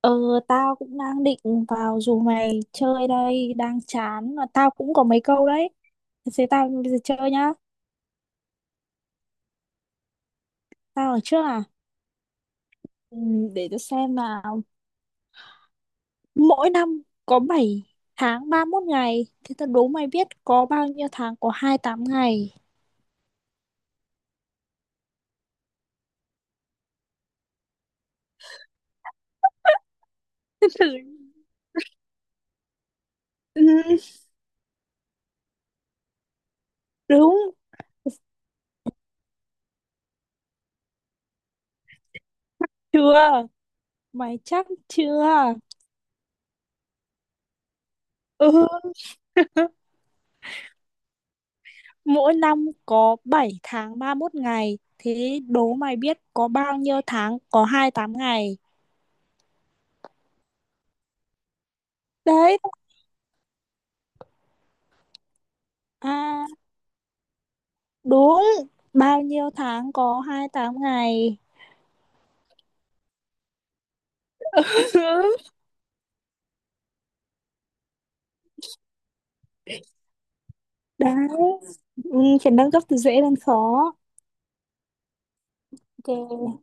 Ờ, tao cũng đang định vào dù mày chơi đây, đang chán mà tao cũng có mấy câu đấy. Thế tao bây giờ chơi nhá. Tao ở trước à? Ừ, để tao xem nào. Mỗi năm có 7 tháng 31 ngày. Thế tao đố mày biết có bao nhiêu tháng có 28 ngày. Thử. Ừ, đúng chưa? Mày chắc chưa? Ừ. Mỗi năm có 7 tháng 31 ngày. Thế đố mày biết có bao nhiêu tháng có 28 ngày. Đấy. À, đúng. Bao nhiêu tháng có 28 ngày. Đấy. Ừ, chuyển nâng cấp từ dễ lên khó. Ok.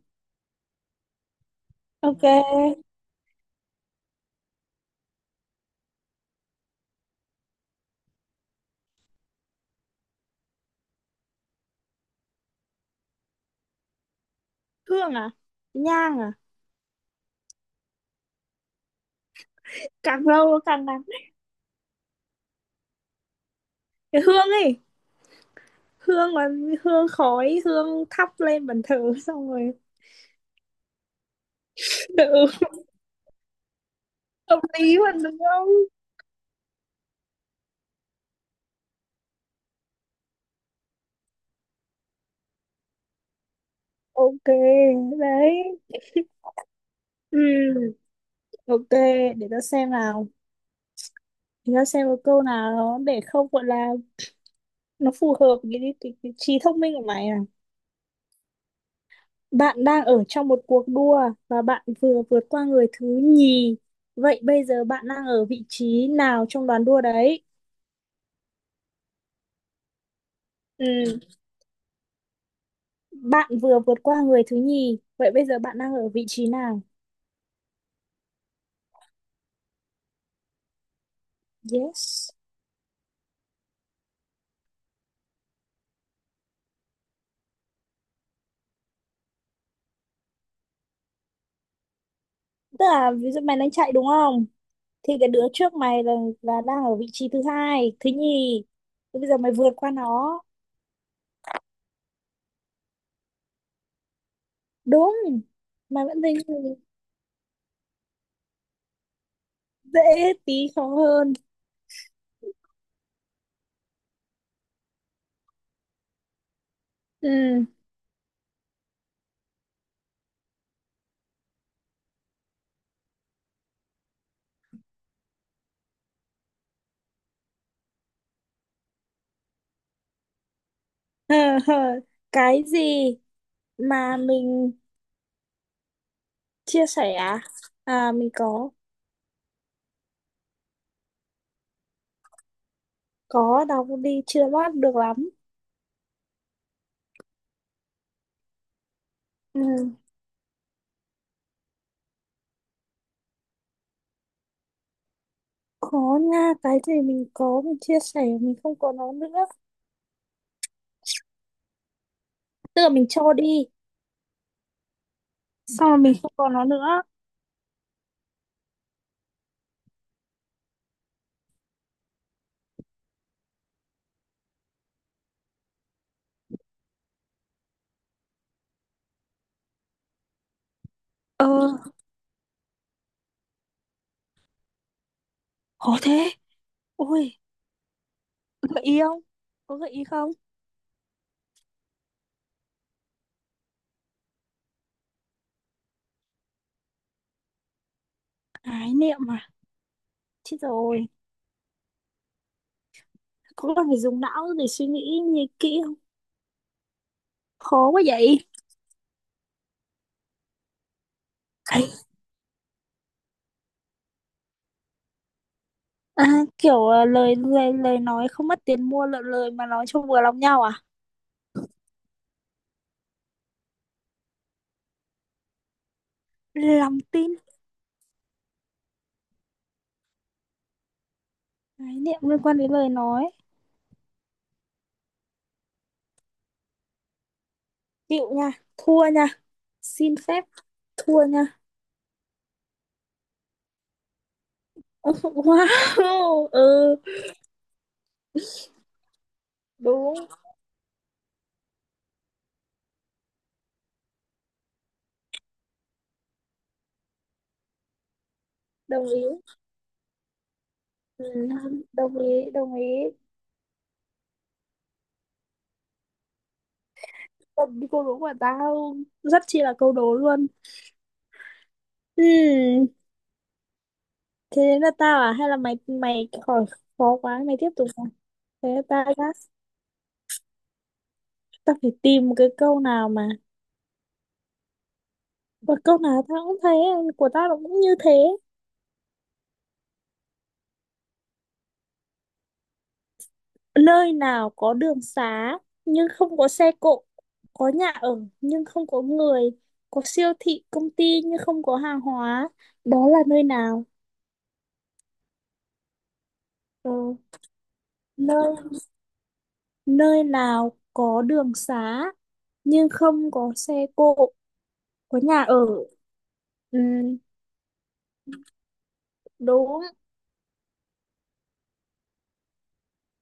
Ok. Hương à? Nhang à? Càng lâu càng nặng. Cái hương ấy. Hương là hương khói, hương thắp lên bàn thờ, xong rồi. Ừ, hợp lý mà đúng không. Ok. Đấy. Ừ. Ok, để tao xem nào, để tao xem một câu nào đó để không gọi là nó phù hợp với cái trí thông minh của mày à. Bạn đang ở trong một cuộc đua và bạn vừa vượt qua người thứ nhì, vậy bây giờ bạn đang ở vị trí nào trong đoàn đua đấy? Ừ. Bạn vừa vượt qua người thứ nhì, vậy bây giờ bạn đang ở vị trí nào? Yes. Tức là ví dụ mày đang chạy đúng không, thì cái đứa trước mày là đang ở vị trí thứ hai, thứ nhì. Thế bây giờ mày vượt qua nó. Đúng. Mày vẫn thấy dễ. Tí khó hơn. Ừ. Cái gì mà mình chia sẻ à? À, mình có. Đọc đi chưa bắt được lắm. Ừ, có nha, cái gì mình có mình chia sẻ mình không có nó nữa. Tức là mình cho đi, xong rồi mình không có nó nữa. Ờ, có thế. Ôi, gợi ý không? Có gợi ý không? Ái niệm à. Chết rồi. Có cần phải dùng não để suy nghĩ nghĩ kỹ không? Khó quá vậy. À, kiểu à, lời lời lời nói không mất tiền mua, lời, lời mà nói cho vừa lòng nhau à? Lòng tin, khái niệm liên quan đến lời nói. Chịu nha, thua nha. Xin phép thua nha. Wow, ừ, đúng, đồng ý. Ừ, đồng ý, đồng ý. Câu đố của tao rất chi là câu đố luôn. Ừ, thế đến là tao à? Hay là mày mày khỏi, khó quá mày tiếp tục à? Thế tao đã- Tao phải tìm một cái câu nào mà, và câu nào tao cũng thế, của tao nó cũng như thế. Nơi nào có đường xá nhưng không có xe cộ, có nhà ở nhưng không có người, có siêu thị công ty nhưng không có hàng hóa, đó là nơi nào? Ờ, nơi nơi nào có đường xá nhưng không có xe cộ, có nhà ở. Ừ, đúng.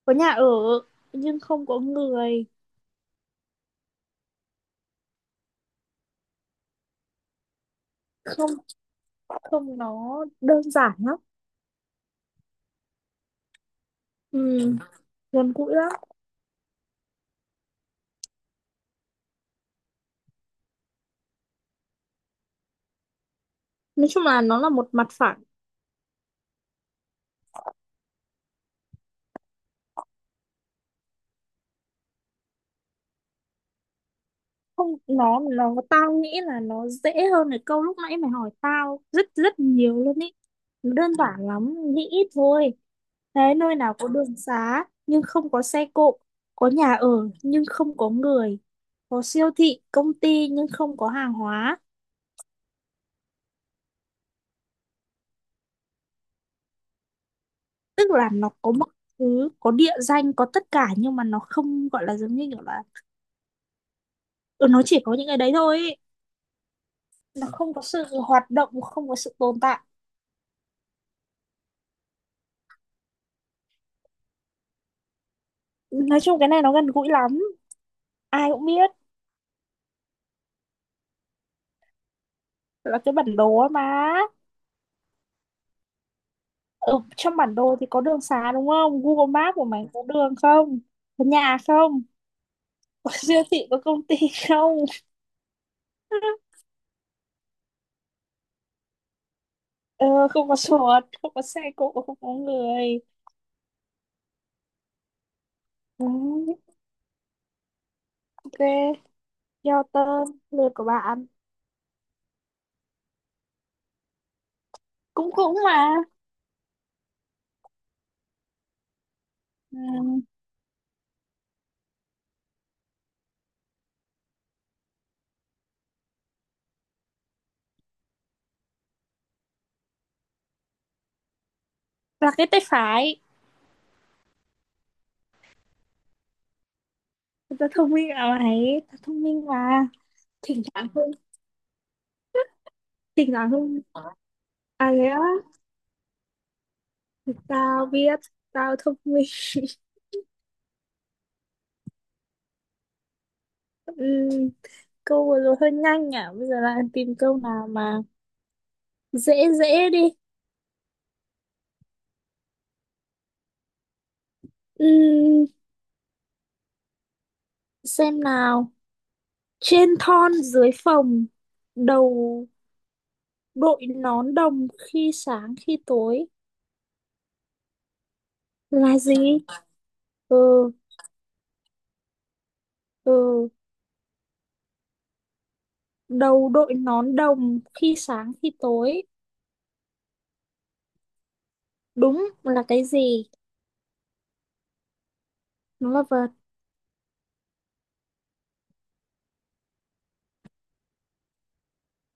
Có nhà ở nhưng không có người. Không, không, nó đơn giản lắm. Ừ, gần gũi lắm. Nói chung là nó là một mặt phẳng. Không, nó tao nghĩ là nó dễ hơn cái câu lúc nãy mày hỏi tao rất rất nhiều luôn ý. Nó đơn giản lắm, nghĩ ít thôi. Thế nơi nào có đường xá nhưng không có xe cộ, có nhà ở nhưng không có người, có siêu thị công ty nhưng không có hàng hóa. Tức là nó có mọi thứ, có địa danh, có tất cả, nhưng mà nó không gọi là giống như kiểu là, ừ, nó chỉ có những cái đấy thôi ý. Nó không có sự hoạt động, không có sự tồn tại. Nói chung cái này nó gần gũi lắm, ai cũng biết. Là cái bản đồ ấy mà. Ở trong bản đồ thì có đường xá đúng không? Google Maps của mày có đường không? Có nhà không? Có siêu thị, có công ty không? Ờ, không có chuột, không có xe cộ, không có người. Ừ, ok. Giao tên lượt của bạn. Cũng cũng mà. Ừ, là cái tay phải. Người ta thông minh à mày, ta thông minh mà. Thỉnh thoảng không. Thỉnh thoảng không. À thế á. Tao biết. Tao thông minh. Ừ. Câu vừa rồi hơi nhanh à, bây giờ lại tìm câu nào mà dễ, dễ đi. Ừm, xem nào. Trên thon dưới phòng, đầu đội nón đồng khi sáng khi tối, là gì? Ừ. Ừ. Đầu đội nón đồng khi sáng khi tối. Đúng là cái gì. Nó là vật.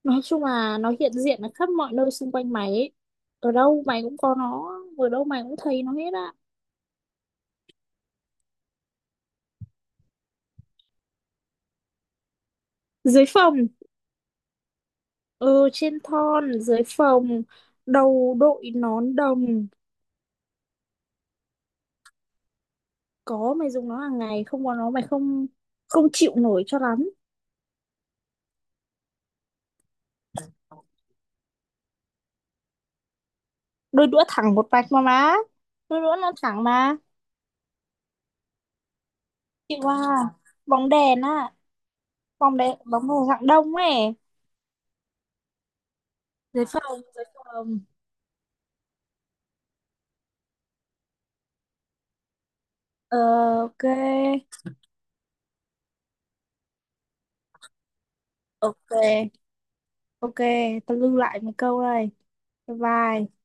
Nói chung là nó hiện diện ở khắp mọi nơi xung quanh mày ấy. Ở đâu mày cũng có nó, ở đâu mày cũng thấy nó hết á. Dưới phòng. Ừ, trên thon dưới phòng, đầu đội nón đồng. Có, mày dùng nó hàng ngày. Không có nó mày không, không chịu nổi cho lắm. Đôi đũa thẳng một mạch mà má, đôi đũa nó thẳng mà. Chịu à. Bóng đèn á. Bóng đèn, bóng đèn dạng đông ấy. Dưới phòng, dưới phòng. Ờ, ok. Ok. Ok, tao lưu lại một câu đây. Bye bye.